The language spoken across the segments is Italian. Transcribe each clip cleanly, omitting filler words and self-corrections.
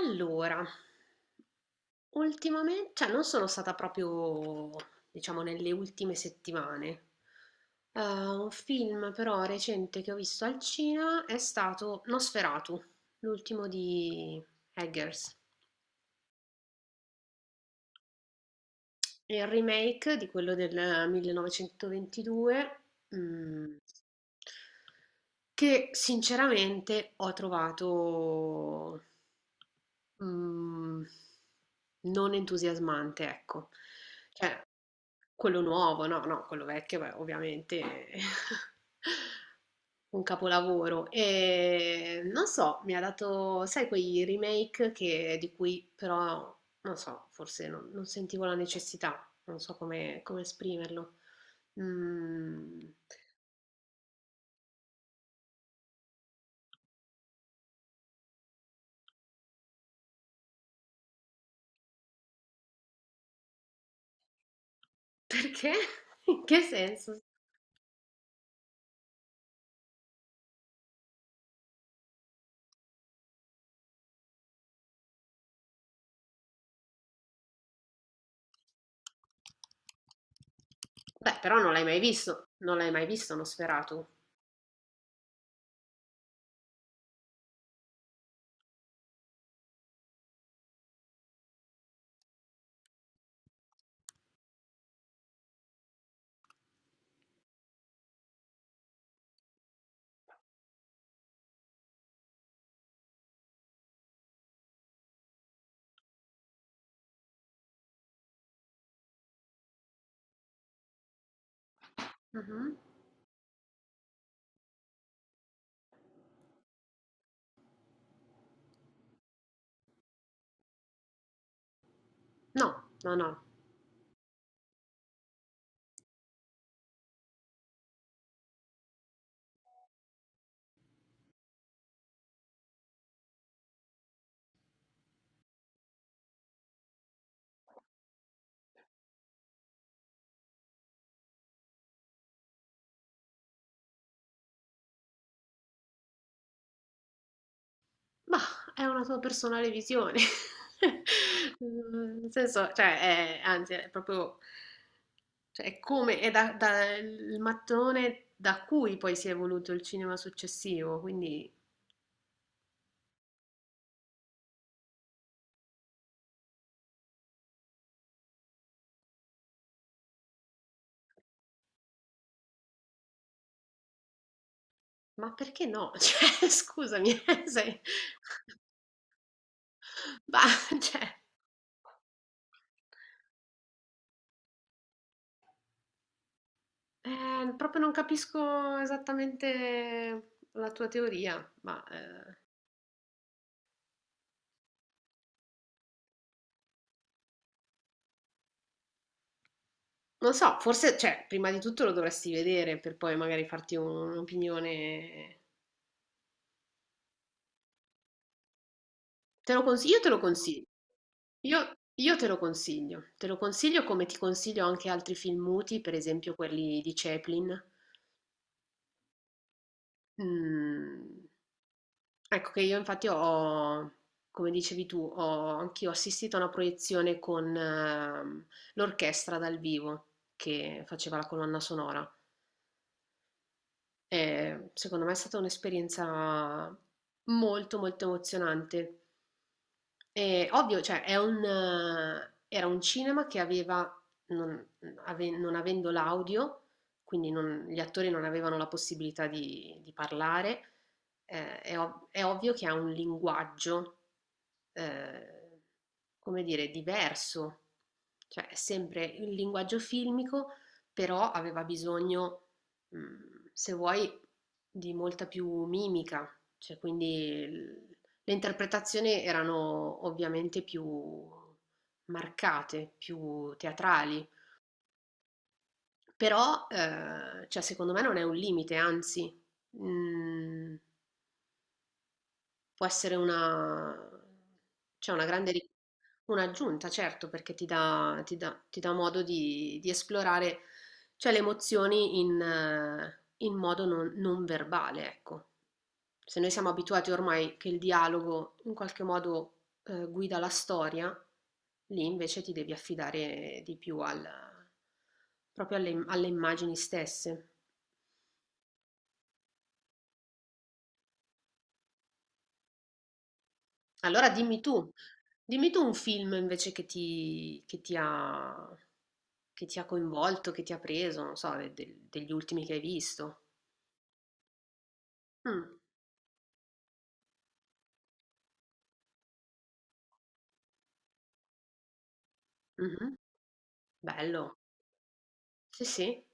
Allora, ultimamen cioè non sono stata proprio, diciamo, nelle ultime settimane. Un film però recente che ho visto al cinema è stato Nosferatu, l'ultimo di Eggers. È il remake di quello del 1922, mm, che sinceramente ho trovato Mhmm, non entusiasmante, ecco. Cioè, quello nuovo, no, no, quello vecchio, beh, ovviamente è un capolavoro. Non so, mi ha dato, sai quei remake che di cui però, non so, forse non sentivo la necessità, non so come esprimerlo. Mhmm, perché? In che senso? Beh, però non l'hai mai visto, non l'hai mai visto Nosferatu? Mh-mh. No, no, no. Mah, è una tua personale visione. Mhmm, nel senso, cioè, è anzi, è proprio cioè, è come è da il mattone da cui poi si è evoluto il cinema successivo, quindi ma perché no? Cioè, scusami, sei mah, cioè proprio non capisco esattamente la tua teoria, ma, non so, forse, cioè, prima di tutto lo dovresti vedere per poi magari farti un'opinione. Io te lo consiglio. Io te lo consiglio. Te lo consiglio come ti consiglio anche altri film muti, per esempio quelli di Chaplin. Mm, Ecco che io infatti ho, come dicevi tu, ho anch'io assistito a una proiezione con l'orchestra dal vivo che faceva la colonna sonora. Secondo me è stata un'esperienza molto, molto emozionante. E ovvio, cioè, è un, era un cinema che aveva, non, non avendo l'audio, quindi gli attori non avevano la possibilità di parlare, è, è ovvio che ha un linguaggio eh, come dire, diverso, cioè è sempre il linguaggio filmico, però aveva bisogno, se vuoi, di molta più mimica, cioè quindi l- le interpretazioni erano ovviamente più marcate, più teatrali, però cioè, secondo me non è un limite, anzi, mh, può essere una, cioè una grande ri- un'aggiunta, certo, perché ti dà modo di esplorare, cioè, le emozioni in, in modo non, non verbale, ecco. Se noi siamo abituati ormai che il dialogo in qualche modo, guida la storia, lì invece ti devi affidare di più proprio alle immagini stesse. Allora dimmi tu un film invece che ti ha coinvolto, che ti ha preso, non so, degli ultimi che hai visto. Mm, mhm, bello, sì sì,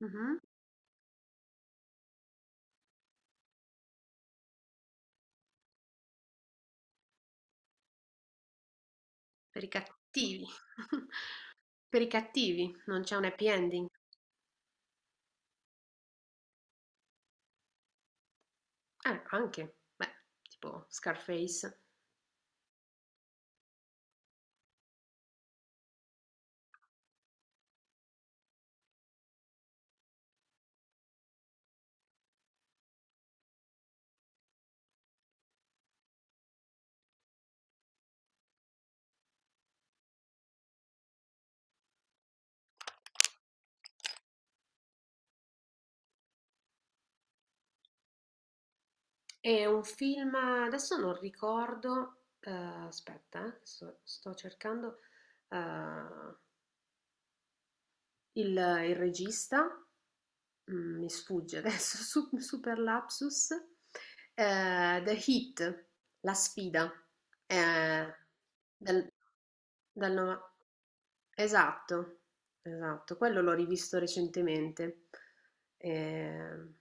mhm, per i cattivi, per i cattivi, non c'è un happy ending. Anche, beh, tipo Scarface. È un film, adesso non ricordo, aspetta, sto cercando eh, il regista. Mi sfugge adesso, su super lapsus, The Heat, La sfida, ehm, del del nova esatto, esatto, quello l'ho rivisto recentemente. Ehm,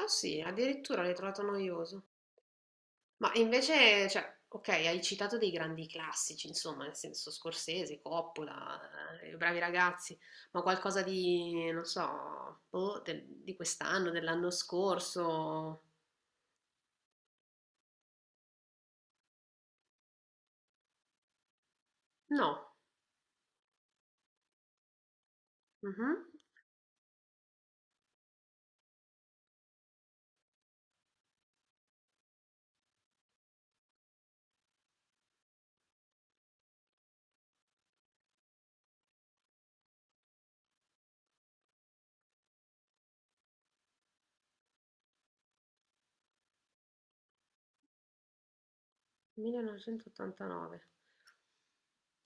ah sì, addirittura l'hai trovato noioso. Ma invece, cioè, ok, hai citato dei grandi classici, insomma, nel senso Scorsese, Coppola, I bravi ragazzi, ma qualcosa di, non so, boh, di quest'anno, dell'anno scorso? No. Mhm. 1989.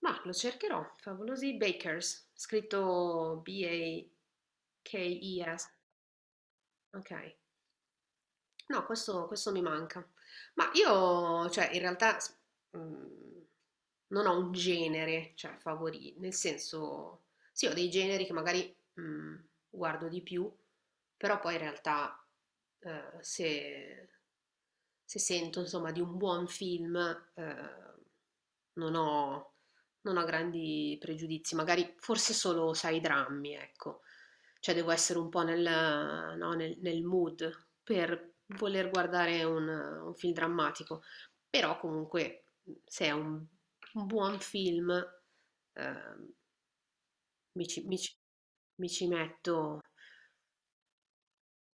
Ma lo cercherò. Favolosi Bakers, scritto B-A-K-E-S. Ok. No, questo mi manca. Ma io, cioè, in realtà s- mm, non ho un genere, cioè, favorito, nel senso, sì, ho dei generi che magari guardo di più, però poi in realtà, se, se sento, insomma, di un buon film, eh, non ho, non ho grandi pregiudizi, magari forse solo, sai, i drammi, ecco. Cioè devo essere un po' no, nel mood per voler guardare un film drammatico, però comunque se è un buon film eh, mi ci, mi ci- mi ci metto.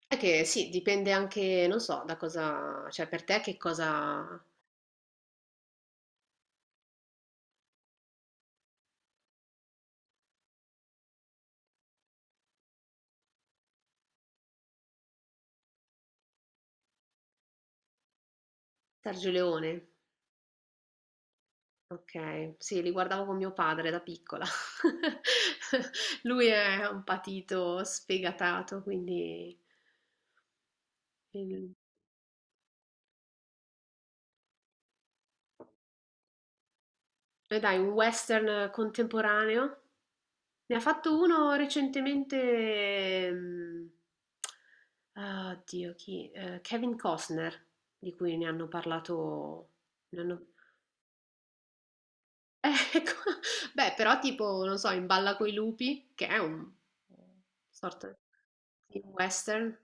È che sì, dipende anche, non so, da cosa, cioè per te che cosa... Sergio Leone, ok, sì, li guardavo con mio padre da piccola. Lui è un patito sfegatato, quindi il- e dai, un western contemporaneo. Ne ha fatto uno recentemente, ehm, ah, oddio, chi? Kevin Costner, di cui ne hanno parlato. ne hanno- Ecco, beh, però tipo, non so, in Balla coi lupi, che è un sorta di western.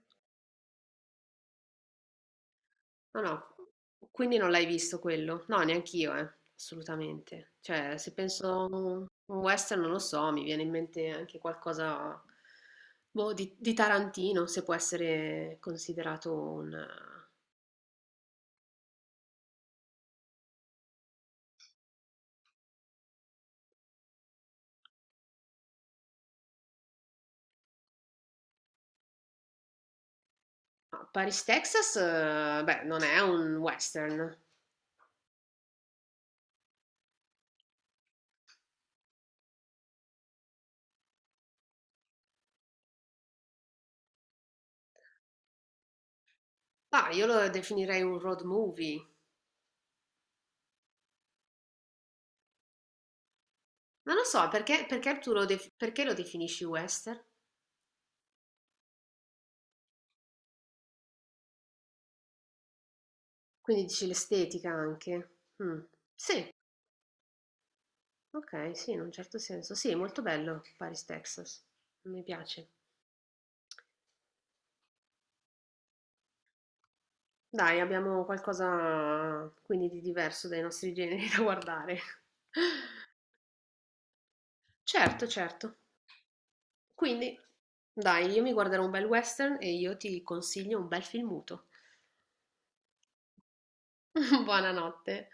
No, no, quindi non l'hai visto quello? No, neanch'io, assolutamente. Cioè, se penso a un western, non lo so, mi viene in mente anche qualcosa, boh, di Tarantino, se può essere considerato un... Ma Paris, Texas, beh, non è un western. Ma io lo definirei un road movie. Non lo so, perché, perché lo definisci western? Quindi dici l'estetica anche. Mm. Sì, okay, sì, in un certo senso. Sì, molto bello Paris, Texas. Mi piace. Dai, abbiamo qualcosa quindi di diverso dai nostri generi da guardare. Certo, certo. Quindi, dai, io mi guarderò un bel western e io ti consiglio un bel film muto. Buonanotte.